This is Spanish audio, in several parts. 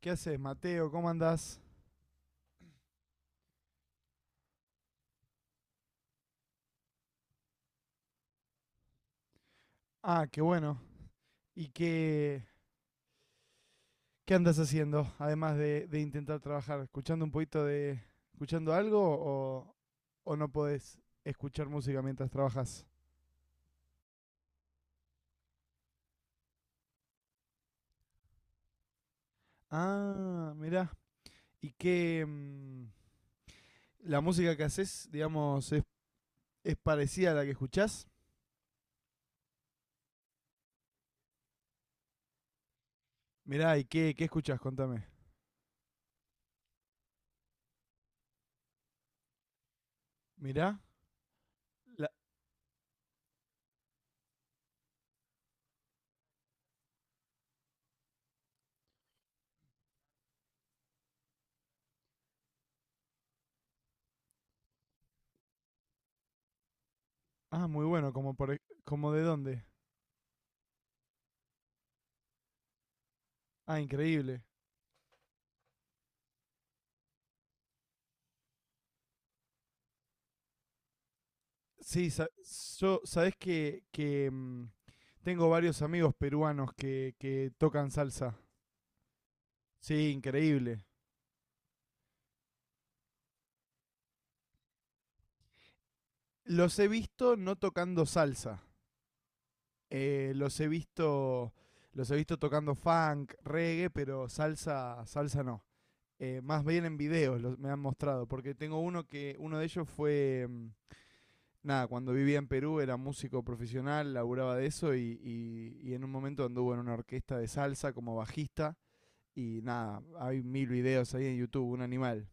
¿Qué haces, Mateo? ¿Cómo andás? Ah, qué bueno. ¿Y qué andas haciendo? Además de intentar trabajar, ¿escuchando un poquito de. ¿Escuchando algo o no podés escuchar música mientras trabajas? Ah, mirá. ¿Y la música que haces, digamos, es parecida a la que escuchás? Mirá, ¿y qué escuchás? Contame. Mirá. la- ah, muy bueno, como, por, como de dónde. Ah, increíble. Sí, yo, sabés que tengo varios amigos peruanos que tocan salsa. Sí, increíble. Los he visto no tocando salsa. eh, los he visto, los he visto tocando funk, reggae, pero salsa, salsa no. Más bien en videos me han mostrado, porque tengo uno uno de ellos fue, nada, cuando vivía en Perú era músico profesional, laburaba de eso y en un momento anduvo en una orquesta de salsa como bajista. Y nada, hay mil videos ahí en YouTube, un animal.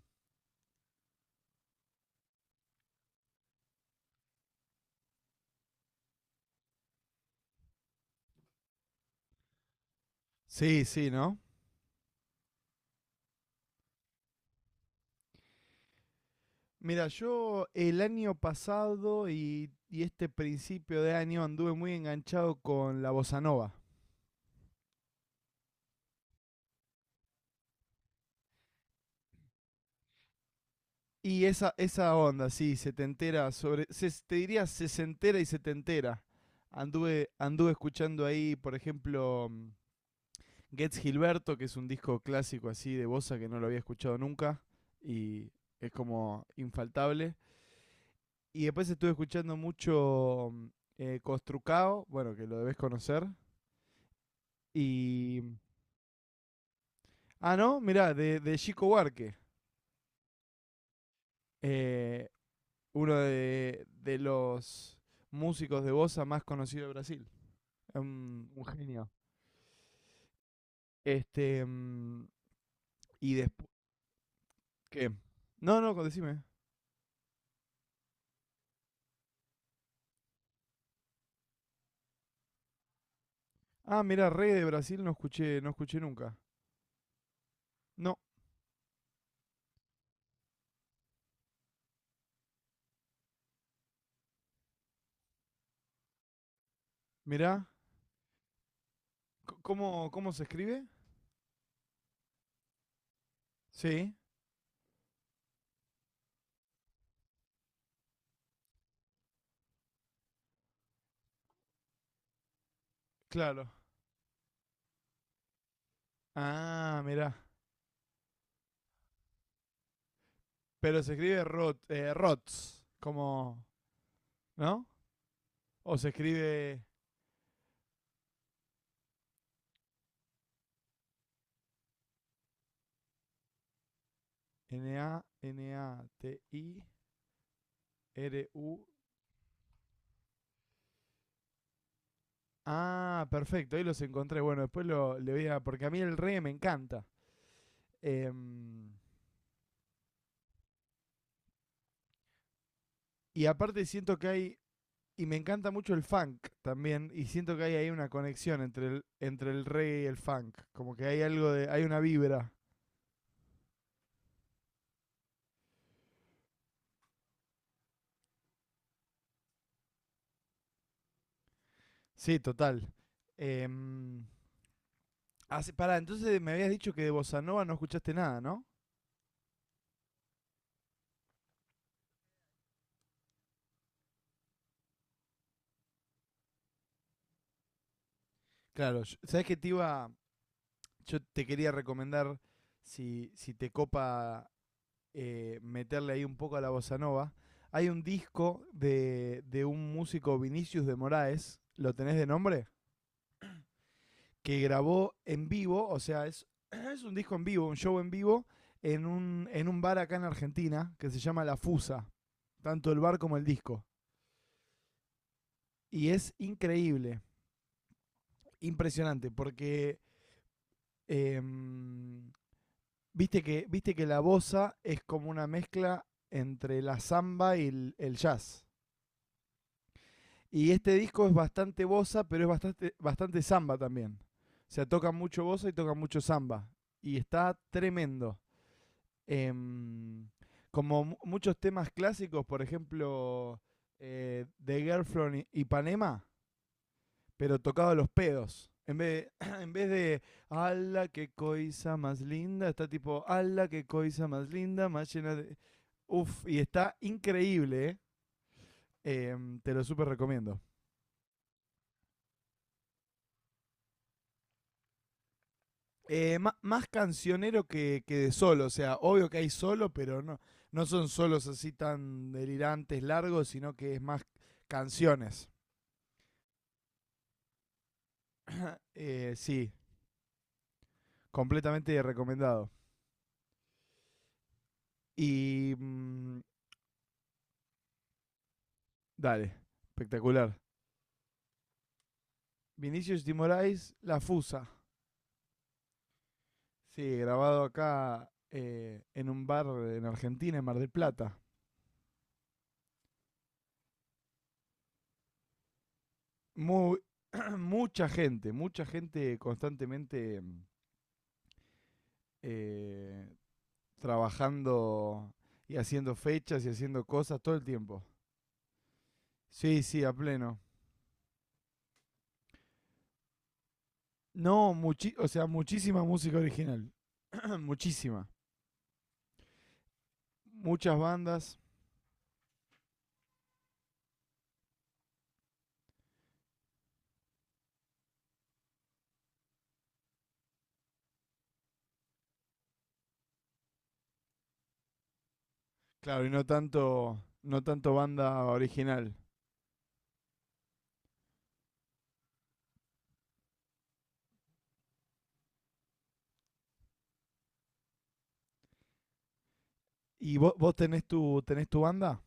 Sí, sí, ¿no? Mira, yo el año pasado y este principio de año anduve muy enganchado con la bossa nova. Y esa onda, sí, se te entera sobre. Te diría sesentera y setentera. Anduve escuchando ahí, por ejemplo, Gets Gilberto, que es un disco clásico así de bossa que no lo había escuchado nunca. Y es como infaltable. Y después estuve escuchando mucho Costrucao, bueno, que lo debes conocer. Y. mm, Ah, no, mirá, de Chico Huarque, eh, uno de los músicos de bossa más conocido de Brasil. Un genio. Este. mm, Y después. ¿Qué? No, no, decime. Ah, mirá, Rey de Brasil no escuché, no escuché nunca. No, mirá. ¿Cómo se escribe? Sí, claro. Ah, mirá. Pero se escribe Rots, como, ¿no? O se escribe N-A-N-A-T-I-R-U. Ah, perfecto, ahí los encontré. Bueno, después le voy a... Porque a mí el reggae me encanta. Em, y aparte siento que hay... Y me encanta mucho el funk también. Y siento que hay ahí una conexión entre el reggae y el funk. Como que hay algo de... Hay una vibra. Sí, total. Em, Pará, entonces me habías dicho que de Bossa Nova no escuchaste nada, ¿no? Claro, ¿sabes qué te iba? Yo te quería recomendar, si te copa meterle ahí un poco a la bossa nova, hay un disco de un músico Vinicius de Moraes, ¿lo tenés de nombre? Que grabó en vivo, o sea, es un disco en vivo, un show en vivo, en un bar acá en Argentina que se llama La Fusa, tanto el bar como el disco. Y es increíble, impresionante, porque... em, viste que la bossa es como una mezcla entre la samba y el jazz. Y este disco es bastante bossa, pero es bastante, bastante samba también. O sea, toca mucho bossa y toca mucho samba. Y está tremendo. Em, Como muchos temas clásicos, por ejemplo, The Girl from Ipanema, pero tocado a los pedos. En vez, en vez de, ala, qué coisa más linda, está tipo, ala, qué coisa más linda, más llena de... Uf, y está increíble, ¿eh? Te lo súper recomiendo. Más cancionero que de solo, o sea, obvio que hay solo, pero no son solos así tan delirantes, largos, sino que es más canciones. Sí, completamente recomendado. Y mm, Dale, espectacular. Vinicius Dimorais, La Fusa. Sí, grabado acá en un bar en Argentina, en Mar del Plata. Muy, Mucha gente, mucha gente constantemente eh, trabajando y haciendo fechas y haciendo cosas todo el tiempo. Sí, sí, a pleno. No, muchi o sea, muchísima música original. muchísima. Muchas bandas. Claro, y no tanto, no tanto banda original. ¿Y vos tenés tu banda?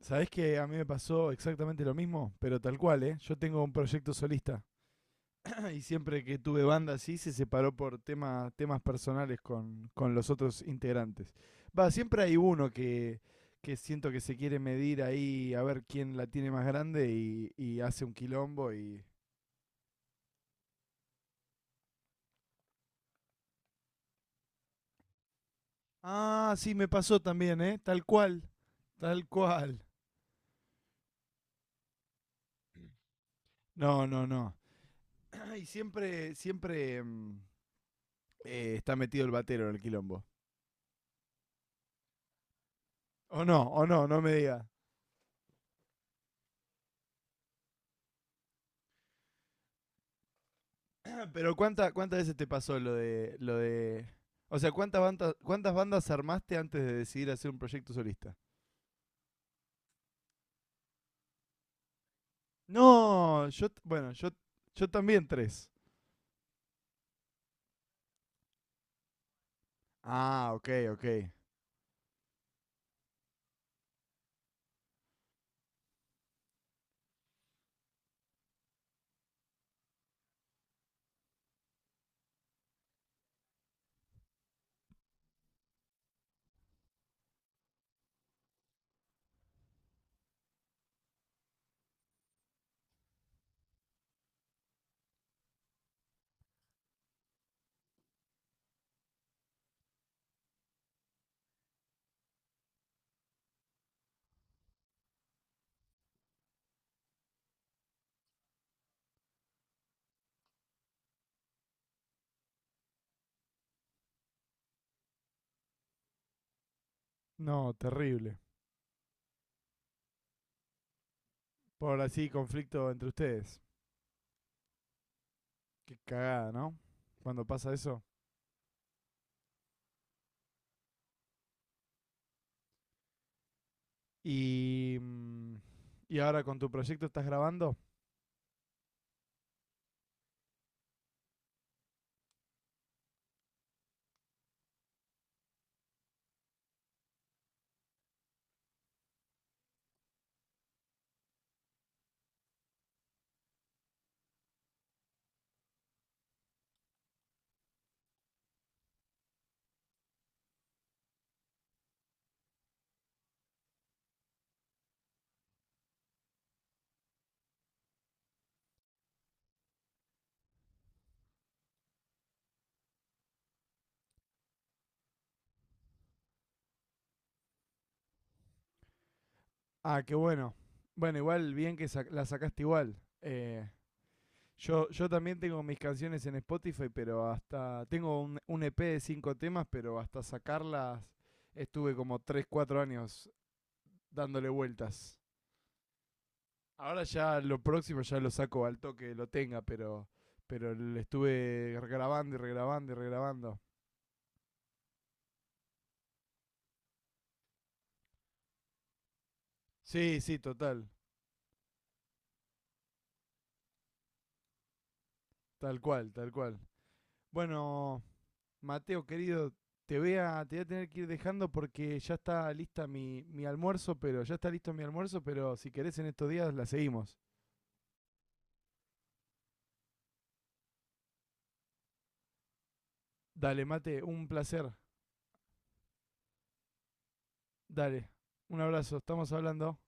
¿Sabés que a mí me pasó exactamente lo mismo? Pero tal cual, ¿eh? Yo tengo un proyecto solista. Y siempre que tuve banda así se separó por temas personales con los otros integrantes. Va, siempre hay uno que siento que se quiere medir ahí a ver quién la tiene más grande y hace un quilombo y... Ah, sí, me pasó también, ¿eh? Tal cual, tal cual. No, no, no. Y siempre, siempre está metido el batero en el quilombo. O no, no me diga. Pero ¿cuántas veces te pasó lo de... O sea, cuántas bandas armaste antes de decidir hacer un proyecto solista? No, bueno, yo también tres. Ah, ok, ok. No, terrible. Por así conflicto entre ustedes. Qué cagada, ¿no? Cuando pasa eso. Y mm, y ahora con tu proyecto estás grabando. Ah, qué bueno. Bueno, igual bien que la sacaste igual. Eh, yo también tengo mis canciones en Spotify, pero hasta. Tengo un EP de cinco temas, pero hasta sacarlas estuve como 3 4 años dándole vueltas. Ahora ya lo próximo ya lo saco al toque, lo tenga, pero le estuve grabando y regrabando y regrabando. Sí, sí, total. Tal cual, tal cual. Bueno, Mateo, querido, te voy a tener que ir dejando porque ya está lista mi almuerzo, pero ya está listo mi almuerzo, pero si querés en estos días la seguimos. Dale, mate, un placer. Dale, un abrazo. Estamos hablando.